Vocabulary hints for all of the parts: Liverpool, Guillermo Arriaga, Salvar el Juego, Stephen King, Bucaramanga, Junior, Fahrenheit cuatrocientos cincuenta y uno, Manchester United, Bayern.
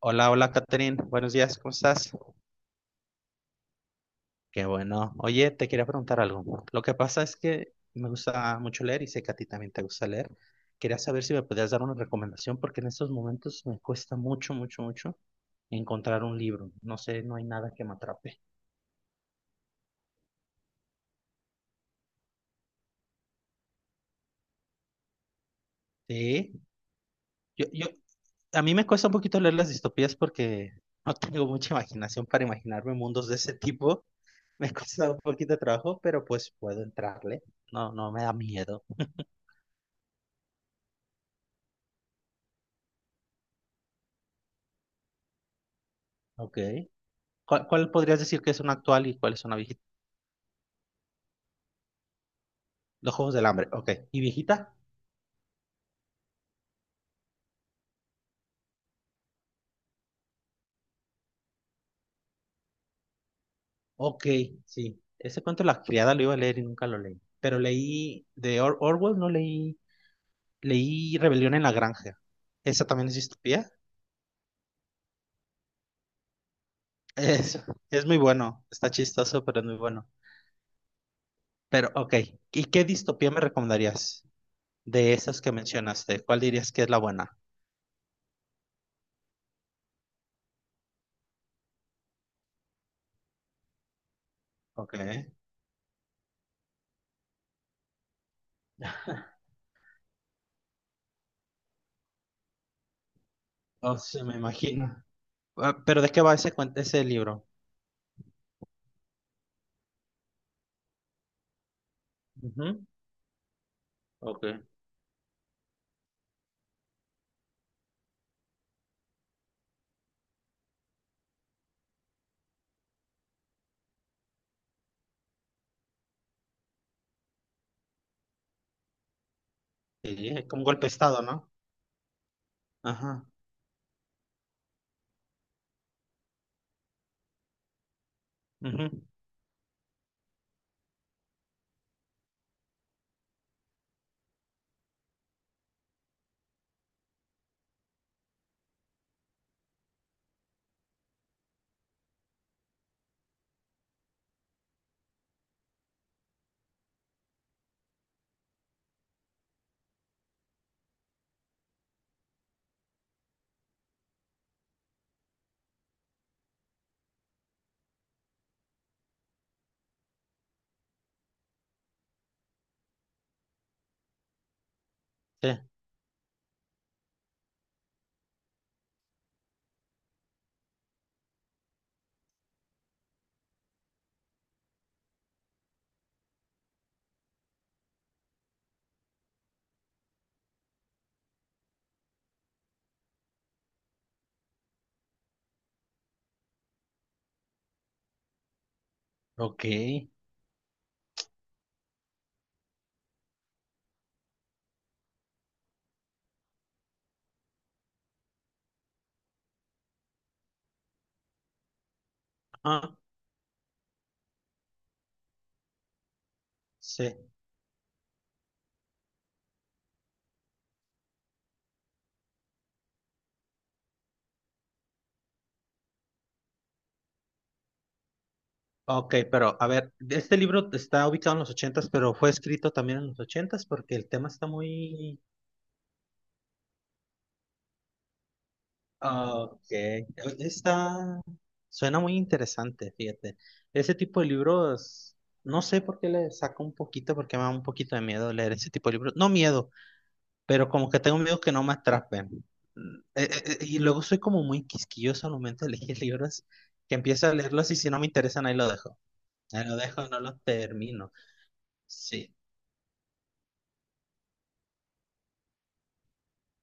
Hola, hola, Catherine. Buenos días, ¿cómo estás? Qué bueno. Oye, te quería preguntar algo. Lo que pasa es que me gusta mucho leer y sé que a ti también te gusta leer. Quería saber si me podías dar una recomendación porque en estos momentos me cuesta mucho, mucho, mucho encontrar un libro. No sé, no hay nada que me atrape. Sí, yo, yo, a mí me cuesta un poquito leer las distopías porque no tengo mucha imaginación para imaginarme mundos de ese tipo. Me cuesta un poquito de trabajo, pero pues puedo entrarle. No, no me da miedo. Ok. ¿Cuál podrías decir que es una actual y cuál es una viejita? Los Juegos del Hambre, ok. ¿Y viejita? Ok, sí. Ese cuento La Criada lo iba a leer y nunca lo leí. Pero leí de Orwell, no leí, leí Rebelión en la Granja. ¿Esa también es distopía? Es, es muy bueno, está chistoso, pero es muy bueno. Pero, ok, ¿y qué distopía me recomendarías de esas que mencionaste? ¿Cuál dirías que es la buena? Ok, oh, se me imagino. Ah, ¿pero de qué va ese, ese libro? Ujú. Ok. Sí, es como un golpe de estado, ¿no? Ajá, ujú. Sí. Ok. Ajá. Sí. Ok, pero a ver, este libro está ubicado en los ochentas, pero fue escrito también en los ochentas porque el tema está muy... Ah, ok. Está... Suena muy interesante, fíjate. Ese tipo de libros, no sé por qué le saco un poquito, porque me da un poquito de miedo leer ese tipo de libros. No miedo, pero como que tengo miedo que no me atrapen. Y luego soy como muy quisquilloso al momento de elegir libros, que empiezo a leerlos y si no me interesan, ahí lo dejo. Ahí lo dejo, no lo termino. Sí.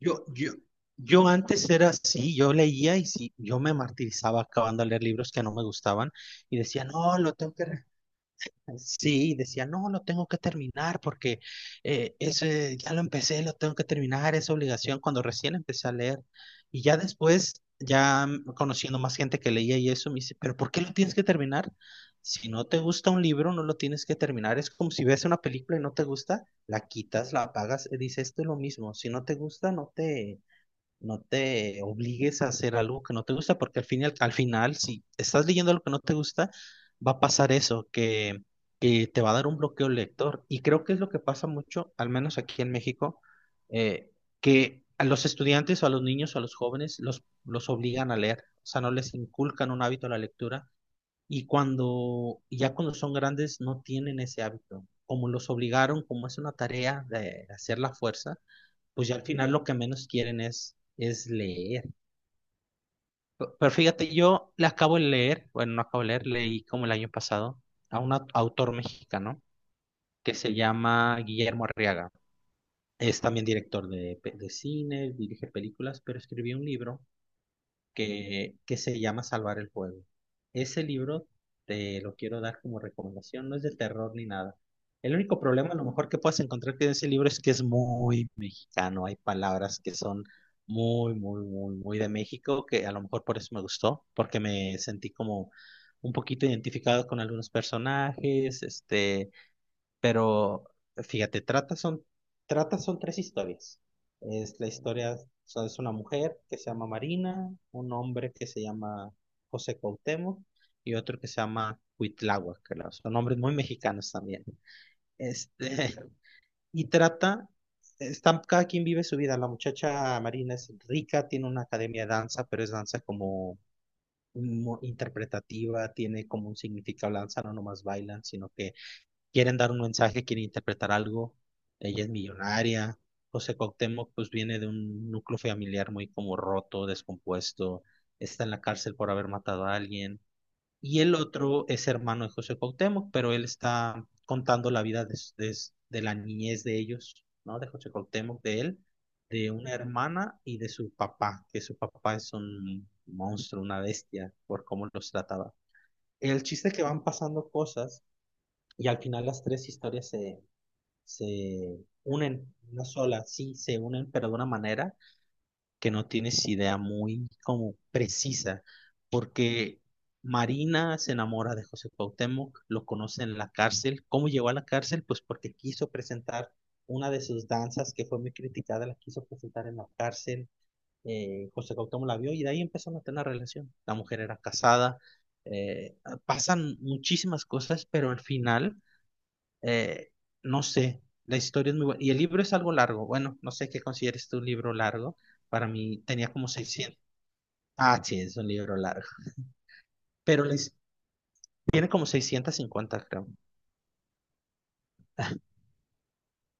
Yo, yo, yo antes era así, yo leía y sí, yo me martirizaba acabando de leer libros que no me gustaban y decía, no, lo tengo que... Sí, decía, no, lo tengo que terminar porque eso, ya lo empecé, lo tengo que terminar, es obligación cuando recién empecé a leer. Y ya después, ya conociendo más gente que leía y eso, me dice, pero ¿por qué lo tienes que terminar? Si no te gusta un libro, no lo tienes que terminar. Es como si ves una película y no te gusta, la quitas, la apagas. Dice, esto es lo mismo. Si no te gusta, no te obligues a hacer algo que no te gusta, porque al fin y al final, si estás leyendo algo que no te gusta, va a pasar eso, que te va a dar un bloqueo lector. Y creo que es lo que pasa mucho, al menos aquí en México, eh, que a los estudiantes o a los niños o a los jóvenes los obligan a leer, o sea, no les inculcan un hábito a la lectura. Y cuando, ya cuando son grandes, no tienen ese hábito. Como los obligaron, como es una tarea de hacer la fuerza pues ya al final lo que menos quieren es leer. Pero fíjate, yo le acabo de leer, bueno, no acabo de leer, leí como el año pasado a un autor mexicano que se llama Guillermo Arriaga. Es también director de, de cine, dirige películas, pero escribió un libro que se llama Salvar el Juego. Ese libro te lo quiero dar como recomendación, no es de terror ni nada. El único problema, a lo mejor que puedas encontrar en ese libro es que es muy mexicano, hay palabras que son muy, muy, muy, muy de México, que a lo mejor por eso me gustó, porque me sentí como un poquito identificado con algunos personajes, este, pero fíjate, trata son tres historias. Es la historia, o sea, es una mujer que se llama Marina, un hombre que se llama José Cuauhtémoc y otro que se llama Cuitláhuac, que son nombres muy mexicanos también. Este, y trata, están, cada quien vive su vida. La muchacha Marina es rica, tiene una academia de danza, pero es danza como interpretativa, tiene como un significado, danza no nomás bailan, sino que quieren dar un mensaje, quieren interpretar algo. Ella es millonaria. José Cuauhtémoc, pues viene de un núcleo familiar muy como roto, descompuesto. Está en la cárcel por haber matado a alguien. Y el otro es hermano de José Cuauhtémoc, pero él está contando la vida de la niñez de ellos, ¿no? De José Cuauhtémoc, de él, de una hermana y de su papá, que su papá es un monstruo, una bestia, por cómo los trataba. El chiste es que van pasando cosas y al final las tres historias se unen, una sola, sí, se unen, pero de una manera que no tienes idea muy como precisa, porque Marina se enamora de José Cuauhtémoc, lo conoce en la cárcel. ¿Cómo llegó a la cárcel? Pues porque quiso presentar una de sus danzas que fue muy criticada, la quiso presentar en la cárcel. José Cuauhtémoc la vio y de ahí empezaron a tener una relación. La mujer era casada, eh, pasan muchísimas cosas, pero al final eh, no sé, la historia es muy buena. Y el libro es algo largo. Bueno, no sé qué consideres tú un libro largo. Para mí tenía como 600. Ah, sí, es un libro largo. Pero les, tiene como 650 creo.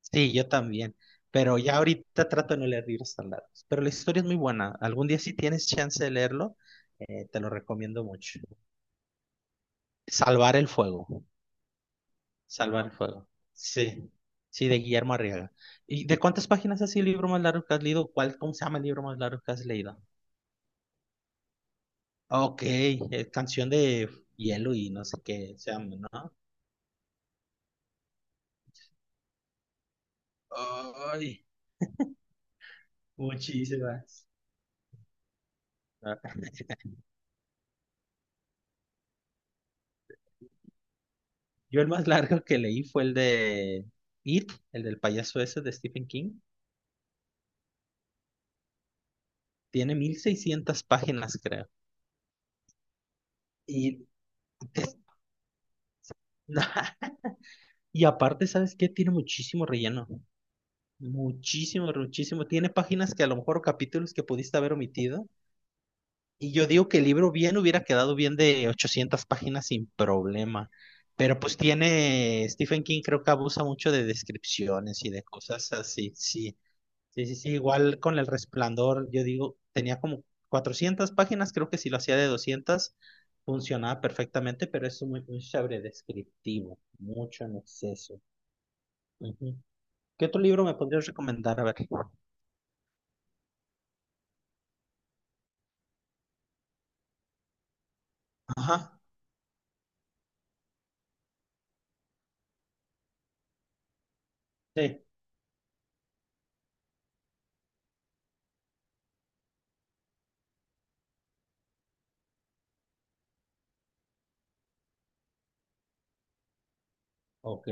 Sí, yo también. Pero ya ahorita trato de no leer libros tan largos. Pero la historia es muy buena. Algún día si tienes chance de leerlo, te lo recomiendo mucho. Salvar el fuego. Salvar el fuego. Sí. Sí, de Guillermo Arriaga. ¿Y de cuántas páginas así el libro más largo que has leído? ¿Cuál, cómo se llama el libro más largo que has leído? Ok, es canción de hielo y no sé qué se llama, ¿no? Ay, muchísimas. Ah, yo el más largo que leí fue el de It, el del payaso ese de Stephen King. Tiene 1600 páginas, creo. Y, te- y aparte, ¿sabes qué? Tiene muchísimo relleno. Muchísimo, muchísimo. Tiene páginas que a lo mejor o capítulos que pudiste haber omitido. Y yo digo que el libro bien hubiera quedado bien de 800 páginas sin problema, pero pues tiene, Stephen King creo que abusa mucho de descripciones y de cosas así, sí, sí, igual con El Resplandor, yo digo, tenía como 400 páginas, creo que si lo hacía de 200 funcionaba perfectamente, pero es muy, muy sobredescriptivo, mucho en exceso. Ujú. ¿Qué otro libro me podrías recomendar? A ver. Ajá, sí, ok.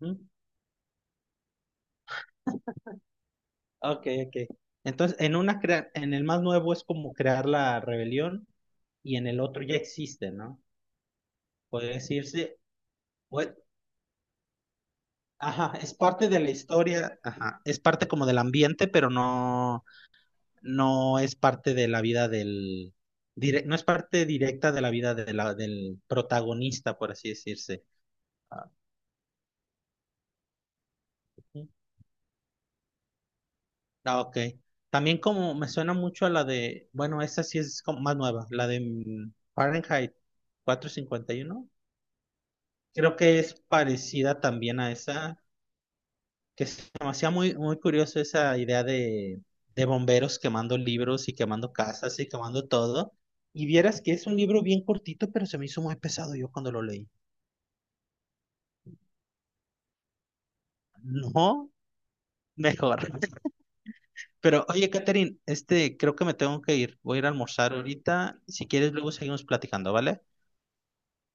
Ujú. Ok, ok. Entonces, en una en el más nuevo es como crear la rebelión y en el otro ya existe, ¿no? Puede decirse, pues, ajá, es parte de la historia, ajá, es parte como del ambiente, pero no, no es parte de la vida del, no es parte directa de la vida de del protagonista, por así decirse. Ah, ujú. Ah, ok. También como me suena mucho a la de, bueno, esa sí es como más nueva, la de Fahrenheit 451. Creo que es parecida también a esa, que es demasiado muy, muy curioso esa idea de bomberos quemando libros y quemando casas y quemando todo. Y vieras que es un libro bien cortito, pero se me hizo muy pesado yo cuando lo leí. No, mejor. Pero oye, Catherine, este, creo que me tengo que ir. Voy a ir a almorzar ahorita. Si quieres, luego seguimos platicando, ¿vale?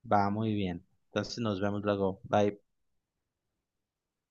Va, muy bien. Entonces nos vemos luego. Bye.